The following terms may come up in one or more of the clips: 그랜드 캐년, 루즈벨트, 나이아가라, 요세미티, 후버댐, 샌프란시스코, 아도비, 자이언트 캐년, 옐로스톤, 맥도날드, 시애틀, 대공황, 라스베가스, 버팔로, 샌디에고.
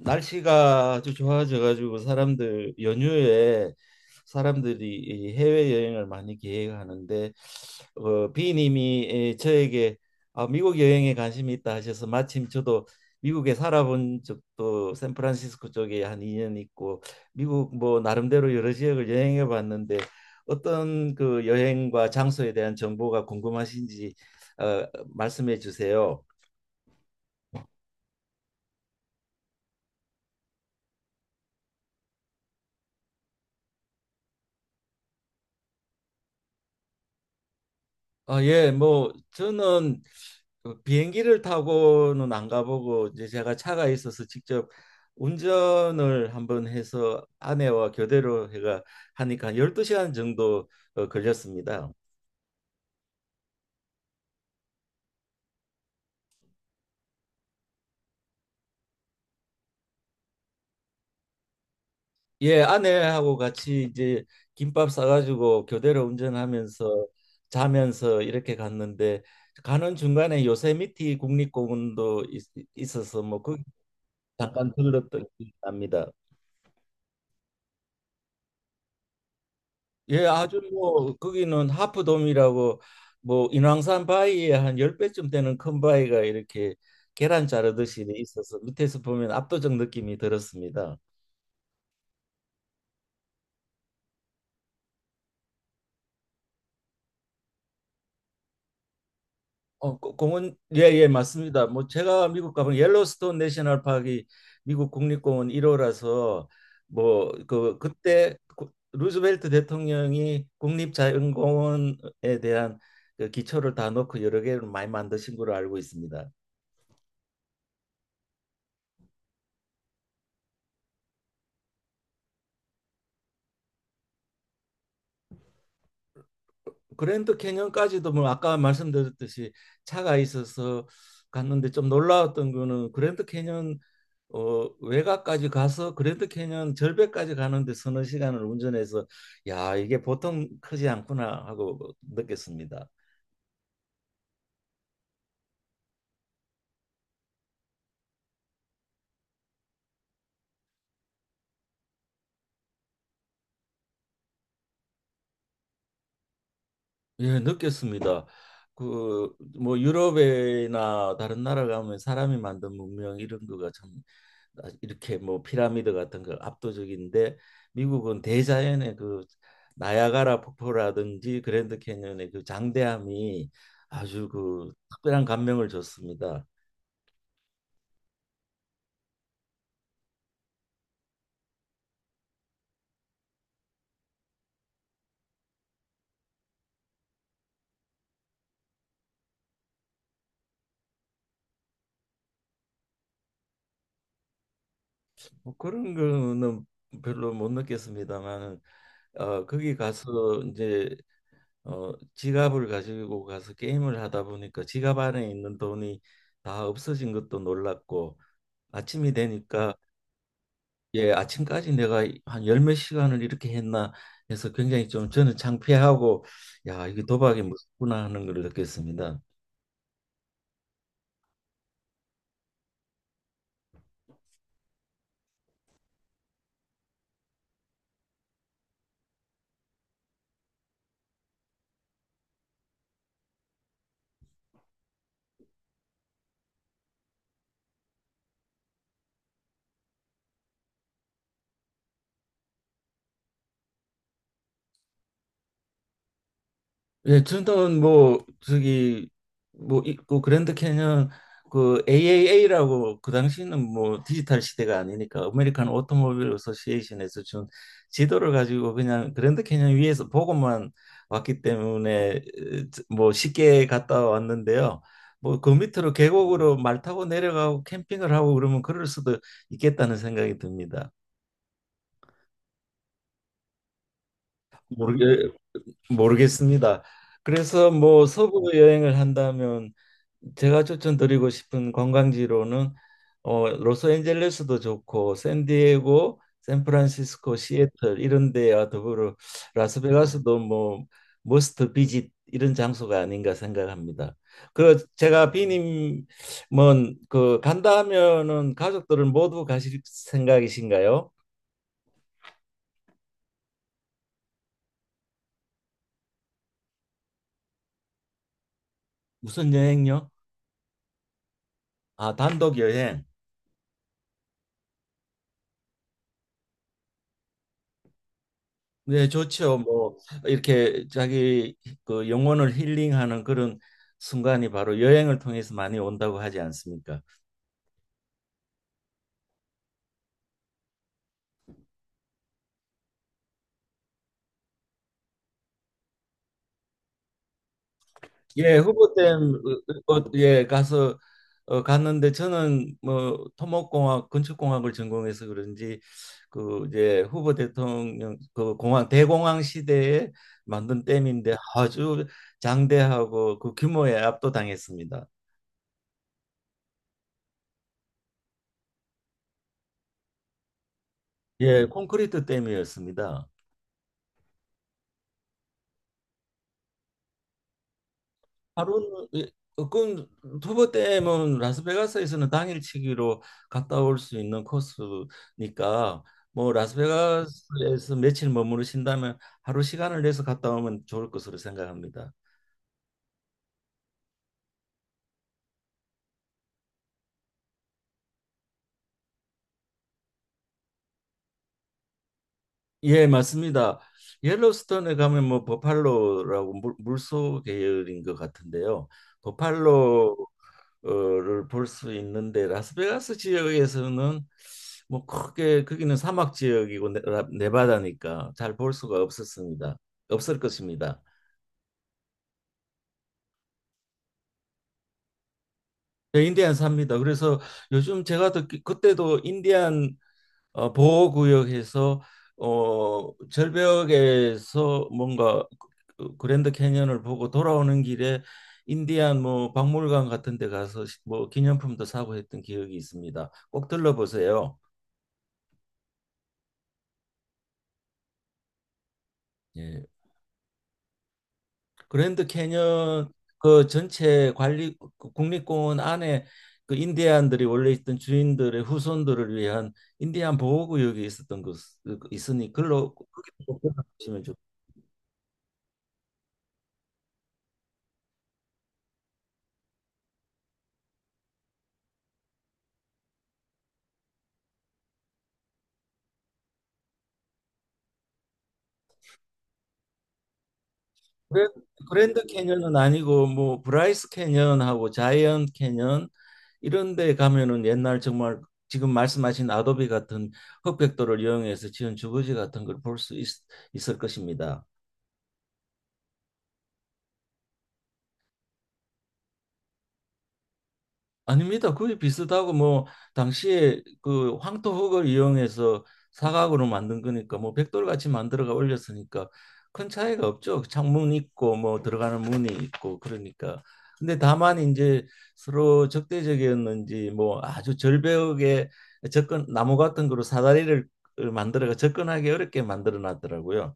날씨가 아주 좋아져가지고 사람들 연휴에 사람들이 이 해외 여행을 많이 계획하는데 비님이 저에게 아, 미국 여행에 관심이 있다 하셔서 마침 저도 미국에 살아본 적도 샌프란시스코 쪽에 한 2년 있고 미국 뭐 나름대로 여러 지역을 여행해 봤는데 어떤 그 여행과 장소에 대한 정보가 궁금하신지 어, 말씀해 주세요. 아, 예, 뭐 저는 그 비행기를 타고는 안 가보고 이제 제가 차가 있어서 직접 운전을 한번 해서 아내와 교대로 해가 하니까 12시간 정도 걸렸습니다. 예, 아내하고 같이 이제 김밥 싸가지고 교대로 운전하면서 자면서 이렇게 갔는데 가는 중간에 요세미티 국립공원도 있어서 뭐 거기 잠깐 들렀던 기억이 납니다. 예, 아주 뭐 거기는 하프돔이라고 뭐 인왕산 바위에 한 10배쯤 되는 큰 바위가 이렇게 계란 자르듯이 돼 있어서 밑에서 보면 압도적 느낌이 들었습니다. 공원 예, 예, 맞습니다. 뭐 제가 미국 가면 옐로스톤 내셔널 파크이 미국 국립공원 1호라서 뭐 그 그때 루즈벨트 대통령이 국립자연공원에 대한 그 기초를 다 놓고 여러 개를 많이 만드신 걸로 알고 있습니다. 그랜드 캐년까지도 뭐 아까 말씀드렸듯이 차가 있어서 갔는데 좀 놀라웠던 거는 그랜드 캐년 외곽까지 가서 그랜드 캐년 절벽까지 가는데 서너 시간을 운전해서 야, 이게 보통 크지 않구나 하고 느꼈습니다. 예, 느꼈습니다. 그 뭐 유럽이나 다른 나라 가면 사람이 만든 문명 이런 거가 참 아, 이렇게 뭐 피라미드 같은 거 압도적인데 미국은 대자연의 그 나야가라 폭포라든지 그랜드 캐니언의 그 장대함이 아주 그 특별한 감명을 줬습니다. 뭐 그런 거는 별로 못 느꼈습니다만은 거기 가서 이제 지갑을 가지고 가서 게임을 하다 보니까 지갑 안에 있는 돈이 다 없어진 것도 놀랐고 아침이 되니까 예, 아침까지 내가 한 열 몇 시간을 이렇게 했나 해서 굉장히 좀 저는 창피하고 야, 이게 도박이 무섭구나 하는 걸 느꼈습니다. 예, 저는 뭐 저기 뭐 있고 그랜드 캐년 그 AAA라고 그 당시는 뭐 디지털 시대가 아니니까 아메리칸 오토모빌 어소시에이션에서 준 지도를 가지고 그냥 그랜드 캐년 위에서 보고만 왔기 때문에 에, 뭐 쉽게 갔다 왔는데요. 뭐 그 밑으로 계곡으로 말 타고 내려가고 캠핑을 하고 그러면 그럴 수도 있겠다는 생각이 듭니다. 모르게 모르겠습니다. 그래서 뭐 서부 여행을 한다면 제가 추천드리고 싶은 관광지로는 로스앤젤레스도 좋고 샌디에고, 샌프란시스코, 시애틀 이런 데와 더불어 라스베가스도 뭐 머스트 비짓 이런 장소가 아닌가 생각합니다. 그 제가 비님 뭐그 간다 하면은 가족들은 모두 가실 생각이신가요? 무슨 여행요? 아, 단독 여행. 네, 좋죠. 뭐 이렇게 자기 그 영혼을 힐링하는 그런 순간이 바로 여행을 통해서 많이 온다고 하지 않습니까? 예, 후보댐 예 가서 갔는데 저는 뭐 토목공학 건축공학을 전공해서 그런지 그 이제 후보 대통령 그 공항 대공황 시대에 만든 댐인데 아주 장대하고 그 규모에 압도당했습니다. 예, 콘크리트 댐이었습니다. 하루는 예, 그 두번 때면 라스베가스에서는 당일치기로 갔다 올 수 있는 코스니까 뭐 라스베가스에서 며칠 머무르신다면 하루 시간을 내서 갔다 오면 좋을 것으로 생각합니다. 예, 맞습니다. 옐로스톤에 가면 뭐 버팔로라고 물소 계열인 것 같은데요. 버팔로 어를 볼 수 있는데 라스베가스 지역에서는 뭐 크게 거기는 사막 지역이고 네바다니까 잘 볼 수가 없었습니다. 없을 것입니다. 저 인디안 삽니다. 그래서 요즘 제가 듣기 그때도 인디안 보호구역에서 절벽에서 뭔가 그 그랜드 캐니언을 보고 돌아오는 길에 인디안 뭐 박물관 같은 데 가서 뭐 기념품도 사고 했던 기억이 있습니다. 꼭 들러보세요. 예. 그랜드 캐년 그 전체 관리 그 국립공원 안에 그 인디안들이 원래 있던 주인들의 후손들을 위한 인디안 보호구역이 있었던 것 있으니 글로 보시면 좋고 그 그랜드 캐년은 아니고 뭐 브라이스 캐년하고 자이언트 캐년 이런 데 가면은 옛날 정말 지금 말씀하신 아도비 같은 흑백도를 이용해서 지은 주거지 같은 걸 볼 수 있을 것입니다. 아닙니다. 거의 비슷하고 뭐 당시에 그 황토흙을 이용해서 사각으로 만든 거니까 뭐 벽돌같이 만들어가 올렸으니까 큰 차이가 없죠. 창문 있고 뭐 들어가는 문이 있고 그러니까. 근데 다만 이제 서로 적대적이었는지 뭐 아주 절벽에 접근 나무 같은 거로 사다리를 만들어가 접근하기 어렵게 만들어 놨더라고요.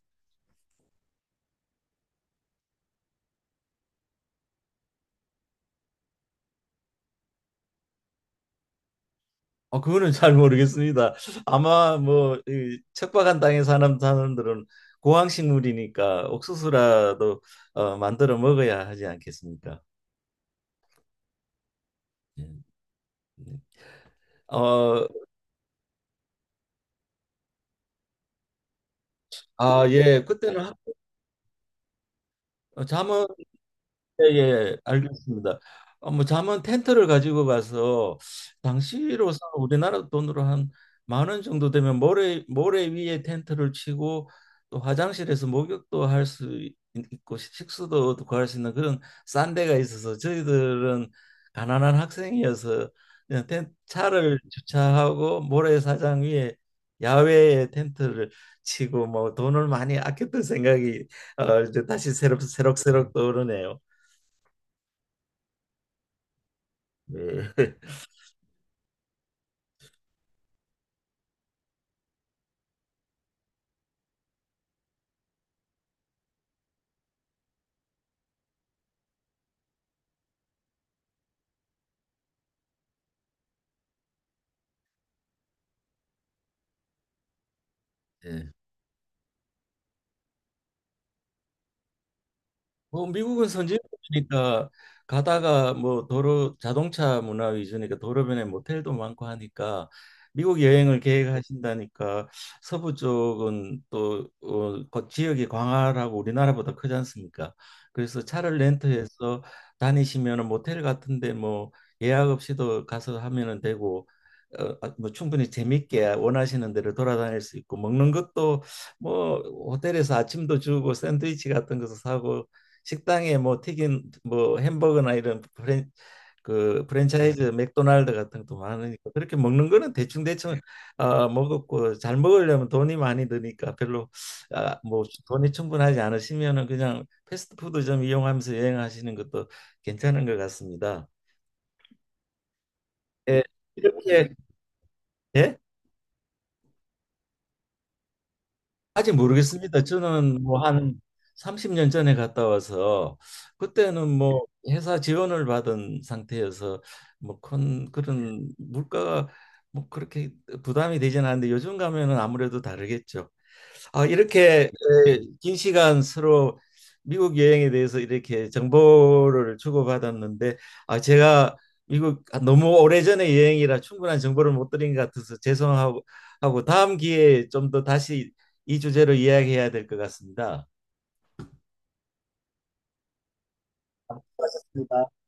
그거는 잘 모르겠습니다. 아마 뭐 이, 척박한 땅에 사는 사람들은 고황식물이니까 옥수수라도 만들어 먹어야 하지 않겠습니까? 예. 네. 어, 아, 예. 그때는 잠은 예, 예, 예. 알겠습니다. 뭐 잠은 텐트를 가지고 가서 당시로서 우리나라 돈으로 한 10,000원 정도 되면 모래 위에 텐트를 치고 또 화장실에서 목욕도 할 수 있고 식수도 구할 수 있는 그런 싼 데가 있어서 저희들은 가난한 학생이어서 그냥 차를 주차하고 모래사장 위에 야외에 텐트를 치고 뭐 돈을 많이 아꼈던 생각이 이제 다시 새록새록 떠오르네요. 네. 예. 뭐 미국은 선진국이니까 가다가 뭐 도로 자동차 문화 위주니까 도로변에 모텔도 많고 하니까 미국 여행을 계획하신다니까 서부 쪽은 또 그 지역이 광활하고 우리나라보다 크지 않습니까? 그래서 차를 렌트해서 다니시면은 모텔 같은데 뭐 예약 없이도 가서 하면은 되고 뭐 충분히 재밌게 원하시는 대로 돌아다닐 수 있고 먹는 것도 뭐 호텔에서 아침도 주고 샌드위치 같은 것도 사고 식당에 뭐 튀긴 뭐 햄버거나 이런 프랜 그 프랜차이즈 맥도날드 같은 것도 많으니까 그렇게 먹는 거는 대충 대충 먹었고 잘 먹으려면 돈이 많이 드니까 별로 아, 뭐 돈이 충분하지 않으시면은 그냥 패스트푸드 좀 이용하면서 여행하시는 것도 괜찮은 것 같습니다. 예, 이렇게 예? 아직 모르겠습니다. 저는 뭐 한 30년 전에 갔다 와서 그때는 뭐 회사 지원을 받은 상태여서 뭐 큰 그런 물가가 뭐 그렇게 부담이 되지는 않는데 요즘 가면은 아무래도 다르겠죠. 아, 이렇게 긴 시간 서로 미국 여행에 대해서 이렇게 정보를 주고받았는데 아, 제가 미국 아, 너무 오래전에 여행이라 충분한 정보를 못 드린 것 같아서 죄송하고 하고 다음 기회에 좀 더 다시 이 주제로 이야기해야 될 것 같습니다. 고습니다